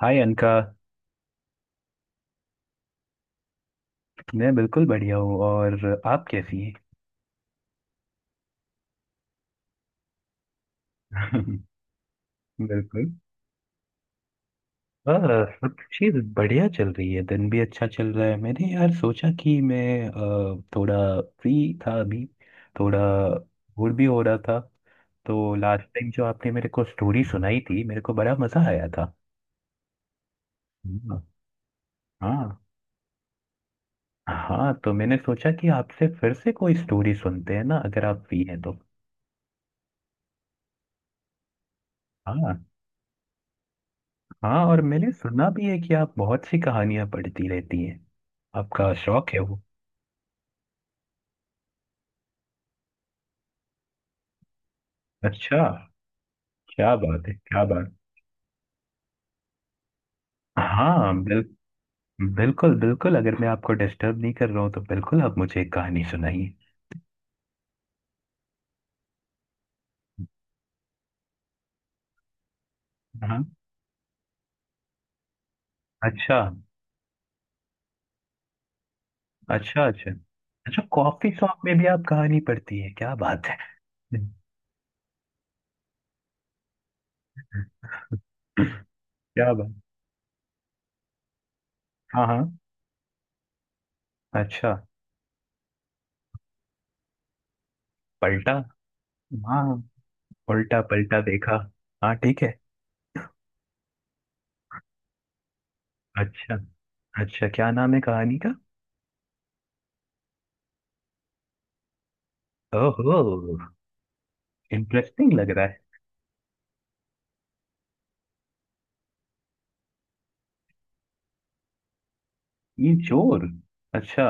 हाय अनका। मैं बिल्कुल बढ़िया हूँ और आप कैसी हैं? बिल्कुल। बस सब चीज़ बढ़िया चल रही है, दिन भी अच्छा चल रहा है। मैंने यार सोचा कि मैं थोड़ा फ्री था अभी, थोड़ा बोर भी हो रहा था। तो लास्ट टाइम जो आपने मेरे को स्टोरी सुनाई थी मेरे को बड़ा मज़ा आया था। हम्म। हाँ। हाँ तो मैंने सोचा कि आपसे फिर से कोई स्टोरी सुनते हैं ना, अगर आप फ्री हैं तो। हाँ, हाँ। और मैंने सुना भी है कि आप बहुत सी कहानियां पढ़ती रहती हैं, आपका शौक है वो। अच्छा। क्या बात है, क्या बात। हाँ बिल्कुल बिल्कुल, अगर मैं आपको डिस्टर्ब नहीं कर रहा हूँ तो बिल्कुल आप मुझे एक कहानी सुनाइए। हाँ। अच्छा अच्छा। अच्छा अच्छा कॉफी शॉप में भी आप कहानी पढ़ती है, क्या बात है। क्या बात। हाँ हाँ। अच्छा। पलटा। हाँ। उल्टा पलटा देखा। हाँ, ठीक है। अच्छा। अच्छा क्या नाम है कहानी का? ओहो। इंटरेस्टिंग लग रहा है। ये चोर। अच्छा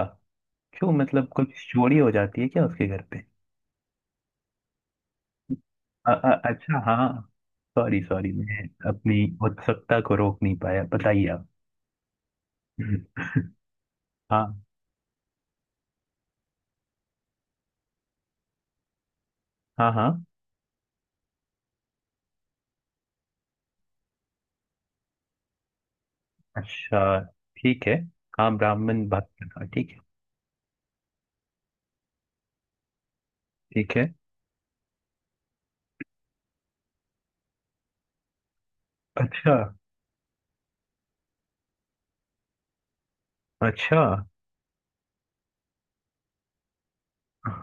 क्यों, मतलब कुछ चोरी हो जाती है क्या उसके घर पे? अच्छा हाँ। सॉरी सॉरी, मैं अपनी उत्सुकता को रोक नहीं पाया, बताइए आप। हम्म। हाँ हाँ हाँ। अच्छा। ठीक है। हाँ ब्राह्मण बात कर रहा है, ठीक है। ठीक है। अच्छा अच्छा।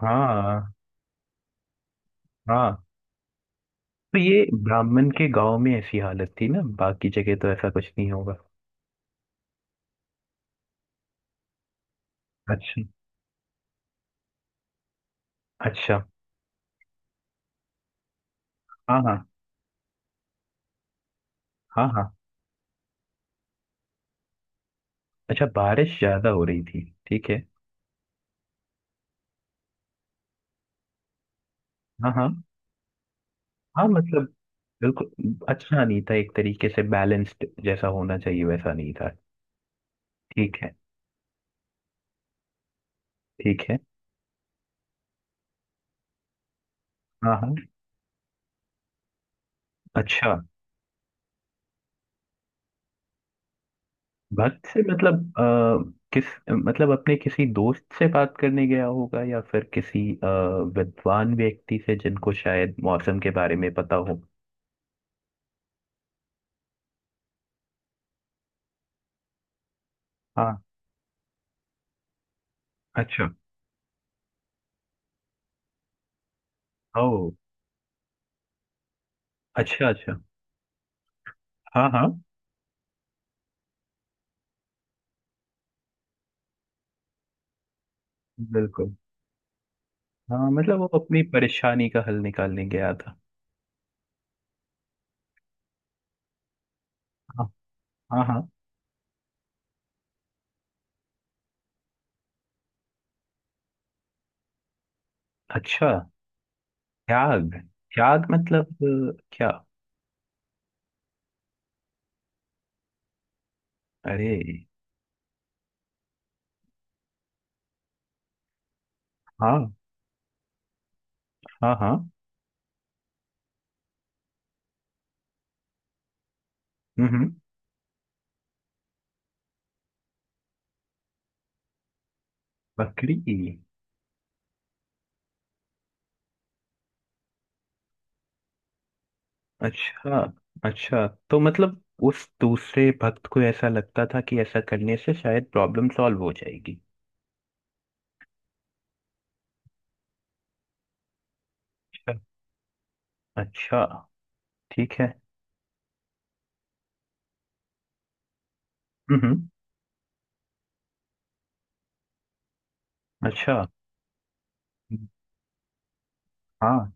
हाँ हाँ। तो ये ब्राह्मण के गांव में ऐसी हालत थी ना, बाकी जगह तो ऐसा कुछ नहीं होगा? अच्छा अच्छा। हाँ हाँ। हाँ हाँ। अच्छा बारिश ज्यादा हो रही थी। ठीक है। हाँ हाँ। हाँ मतलब बिल्कुल अच्छा नहीं था, एक तरीके से बैलेंस्ड जैसा होना चाहिए वैसा नहीं था। ठीक है। ठीक है। हाँ हाँ। अच्छा। भक्त से मतलब किस, मतलब अपने किसी दोस्त से बात करने गया होगा या फिर किसी विद्वान व्यक्ति से जिनको शायद मौसम के बारे में पता हो। हाँ। अच्छा। ओ। अच्छा अच्छा। हाँ हाँ। बिल्कुल। हाँ मतलब वो अपनी परेशानी का हल निकालने गया था। हाँ हाँ हाँ। अच्छा। त्याग। त्याग मतलब क्या? अरे। हाँ। हाँ हाँ। हम्म, हम्म। बकरी। अच्छा अच्छा, तो मतलब उस दूसरे भक्त को ऐसा लगता था कि ऐसा करने से शायद प्रॉब्लम सॉल्व हो जाएगी। अच्छा। अच्छा, ठीक है। हम्म, हम्म। अच्छा। हाँ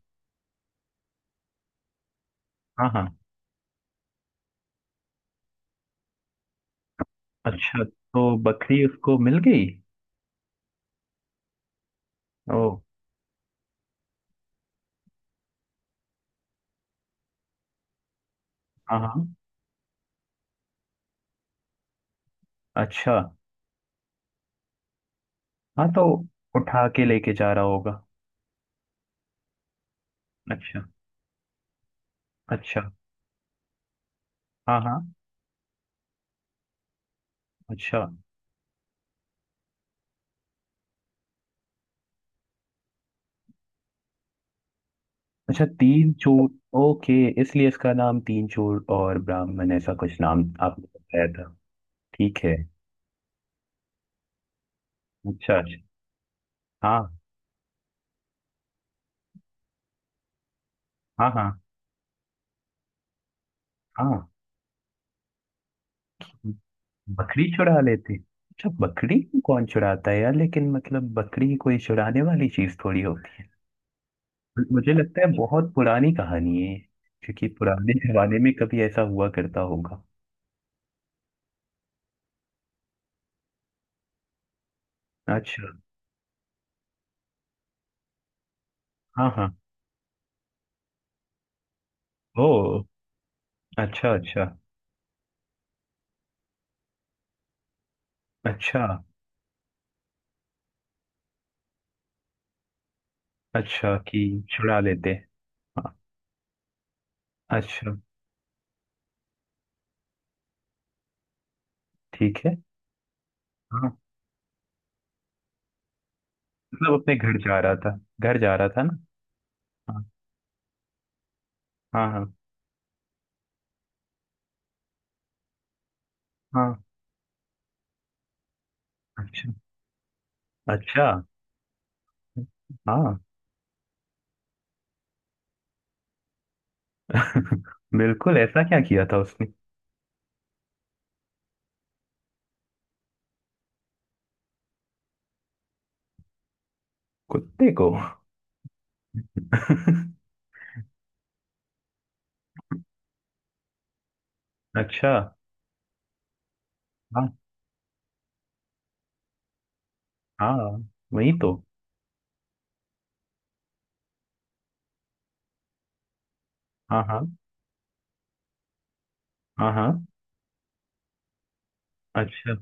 हाँ हाँ। अच्छा तो बकरी उसको मिल गई। ओ। हाँ हाँ। अच्छा। हाँ तो उठा के लेके जा रहा होगा। अच्छा अच्छा। हाँ हाँ। अच्छा अच्छा तीन चूर। ओके। इसलिए इसका नाम तीन चूर और ब्राह्मण, ऐसा कुछ नाम आपने बताया था। ठीक है। अच्छा अच्छा। हाँ। हाँ हाँ हाँ। बकरी चुरा लेते? अच्छा बकरी को कौन चुराता है यार, लेकिन मतलब बकरी कोई चुराने वाली चीज थोड़ी होती है। मुझे लगता है बहुत पुरानी कहानी है ये, क्योंकि पुराने जमाने में कभी ऐसा हुआ करता होगा। अच्छा। हाँ हाँ। ओ। अच्छा अच्छा। अच्छा अच्छा कि चुरा लेते। हाँ। अच्छा। ठीक है। हाँ मतलब अपने घर जा रहा था, घर जा रहा था ना? हाँ हाँ हाँ। हाँ। अच्छा। अच्छा। हाँ। बिल्कुल, ऐसा क्या किया था उसने? कुत्ते को? अच्छा। हाँ। हाँ वही तो। हाँ हाँ। हाँ हाँ। अच्छा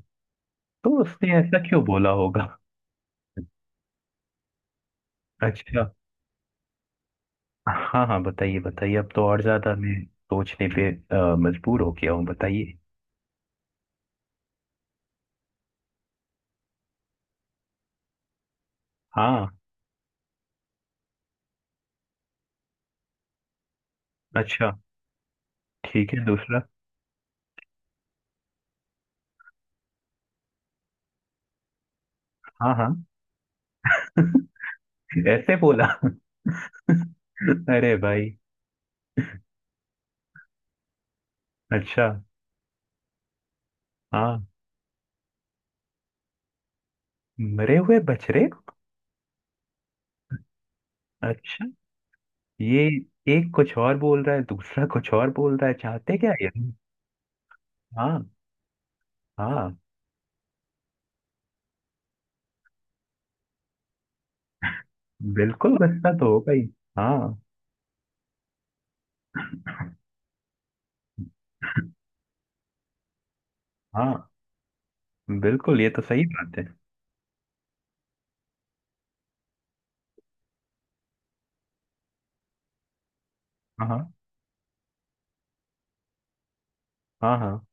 तो उसने ऐसा क्यों बोला होगा? अच्छा। हाँ हाँ बताइए बताइए, अब तो और ज्यादा मैं सोचने पे मजबूर हो गया हूँ, बताइए। हाँ। अच्छा। ठीक है दूसरा। हाँ हाँ। ऐसे बोला। अरे भाई। अच्छा। हाँ। मरे हुए बछड़े को? अच्छा। ये एक कुछ और बोल रहा है, दूसरा कुछ और बोल रहा है, चाहते क्या ये? हाँ। हाँ। बिल्कुल गुस्सा तो होगा ही। हाँ। हाँ बिल्कुल ये तो सही बात है। हाँ हाँ हाँ।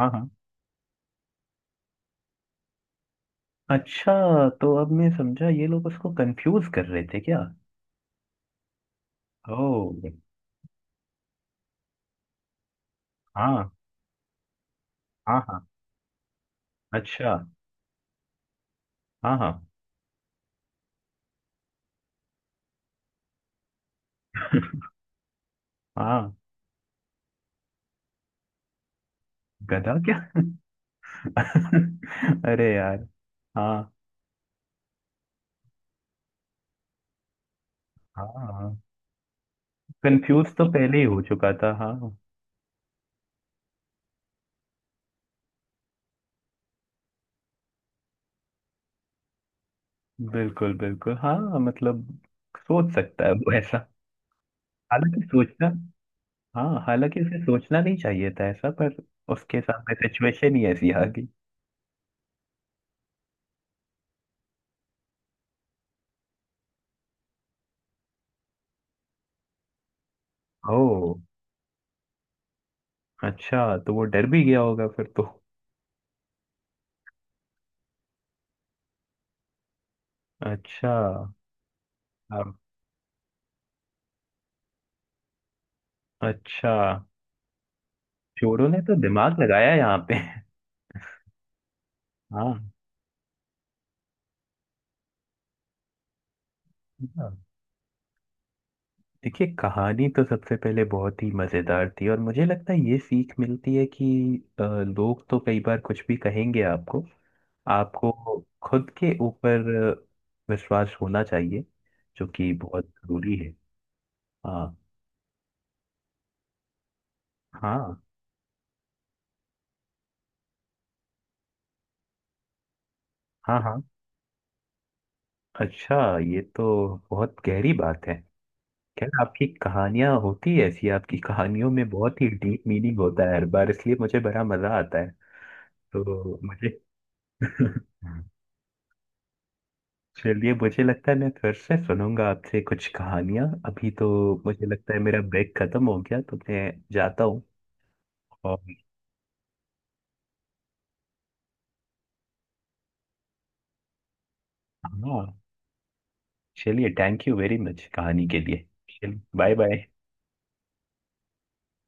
हाँ हाँ हाँ। अच्छा तो अब मैं समझा, ये लोग उसको कंफ्यूज कर रहे थे क्या? ओ। हाँ हाँ हाँ। अच्छा। हाँ हाँ। हाँ। गधा क्या? अरे यार। हाँ। हाँ कंफ्यूज तो पहले ही हो चुका था, हाँ। बिल्कुल बिल्कुल, हाँ मतलब सोच सकता है वो ऐसा। हालांकि सोचना, हाँ हालांकि उसे सोचना नहीं चाहिए था ऐसा, पर उसके सामने सिचुएशन ही ऐसी आ गई। ओह। अच्छा तो वो डर भी गया होगा फिर तो। अच्छा। अब- अच्छा। चोरों ने तो दिमाग लगाया यहाँ पे। हाँ हाँ। देखिए कहानी तो सबसे पहले बहुत ही मज़ेदार थी और मुझे लगता है ये सीख मिलती है कि लोग तो कई बार कुछ भी कहेंगे आपको। आपको खुद के ऊपर विश्वास होना चाहिए, जो कि बहुत ज़रूरी है। हाँ। हाँ हाँ हाँ। अच्छा। ये तो बहुत गहरी बात है। खैर आपकी कहानियाँ होती है ऐसी, आपकी कहानियों में बहुत ही डीप मीनिंग होता है हर बार, इसलिए मुझे बड़ा मज़ा आता है। तो मुझे। चलिए मुझे लगता है मैं फिर से सुनूंगा आपसे कुछ कहानियां। अभी तो मुझे लगता है मेरा ब्रेक खत्म हो गया, तो मैं जाता हूँ। और हाँ चलिए, थैंक यू वेरी मच कहानी के लिए, चलिए बाय बाय।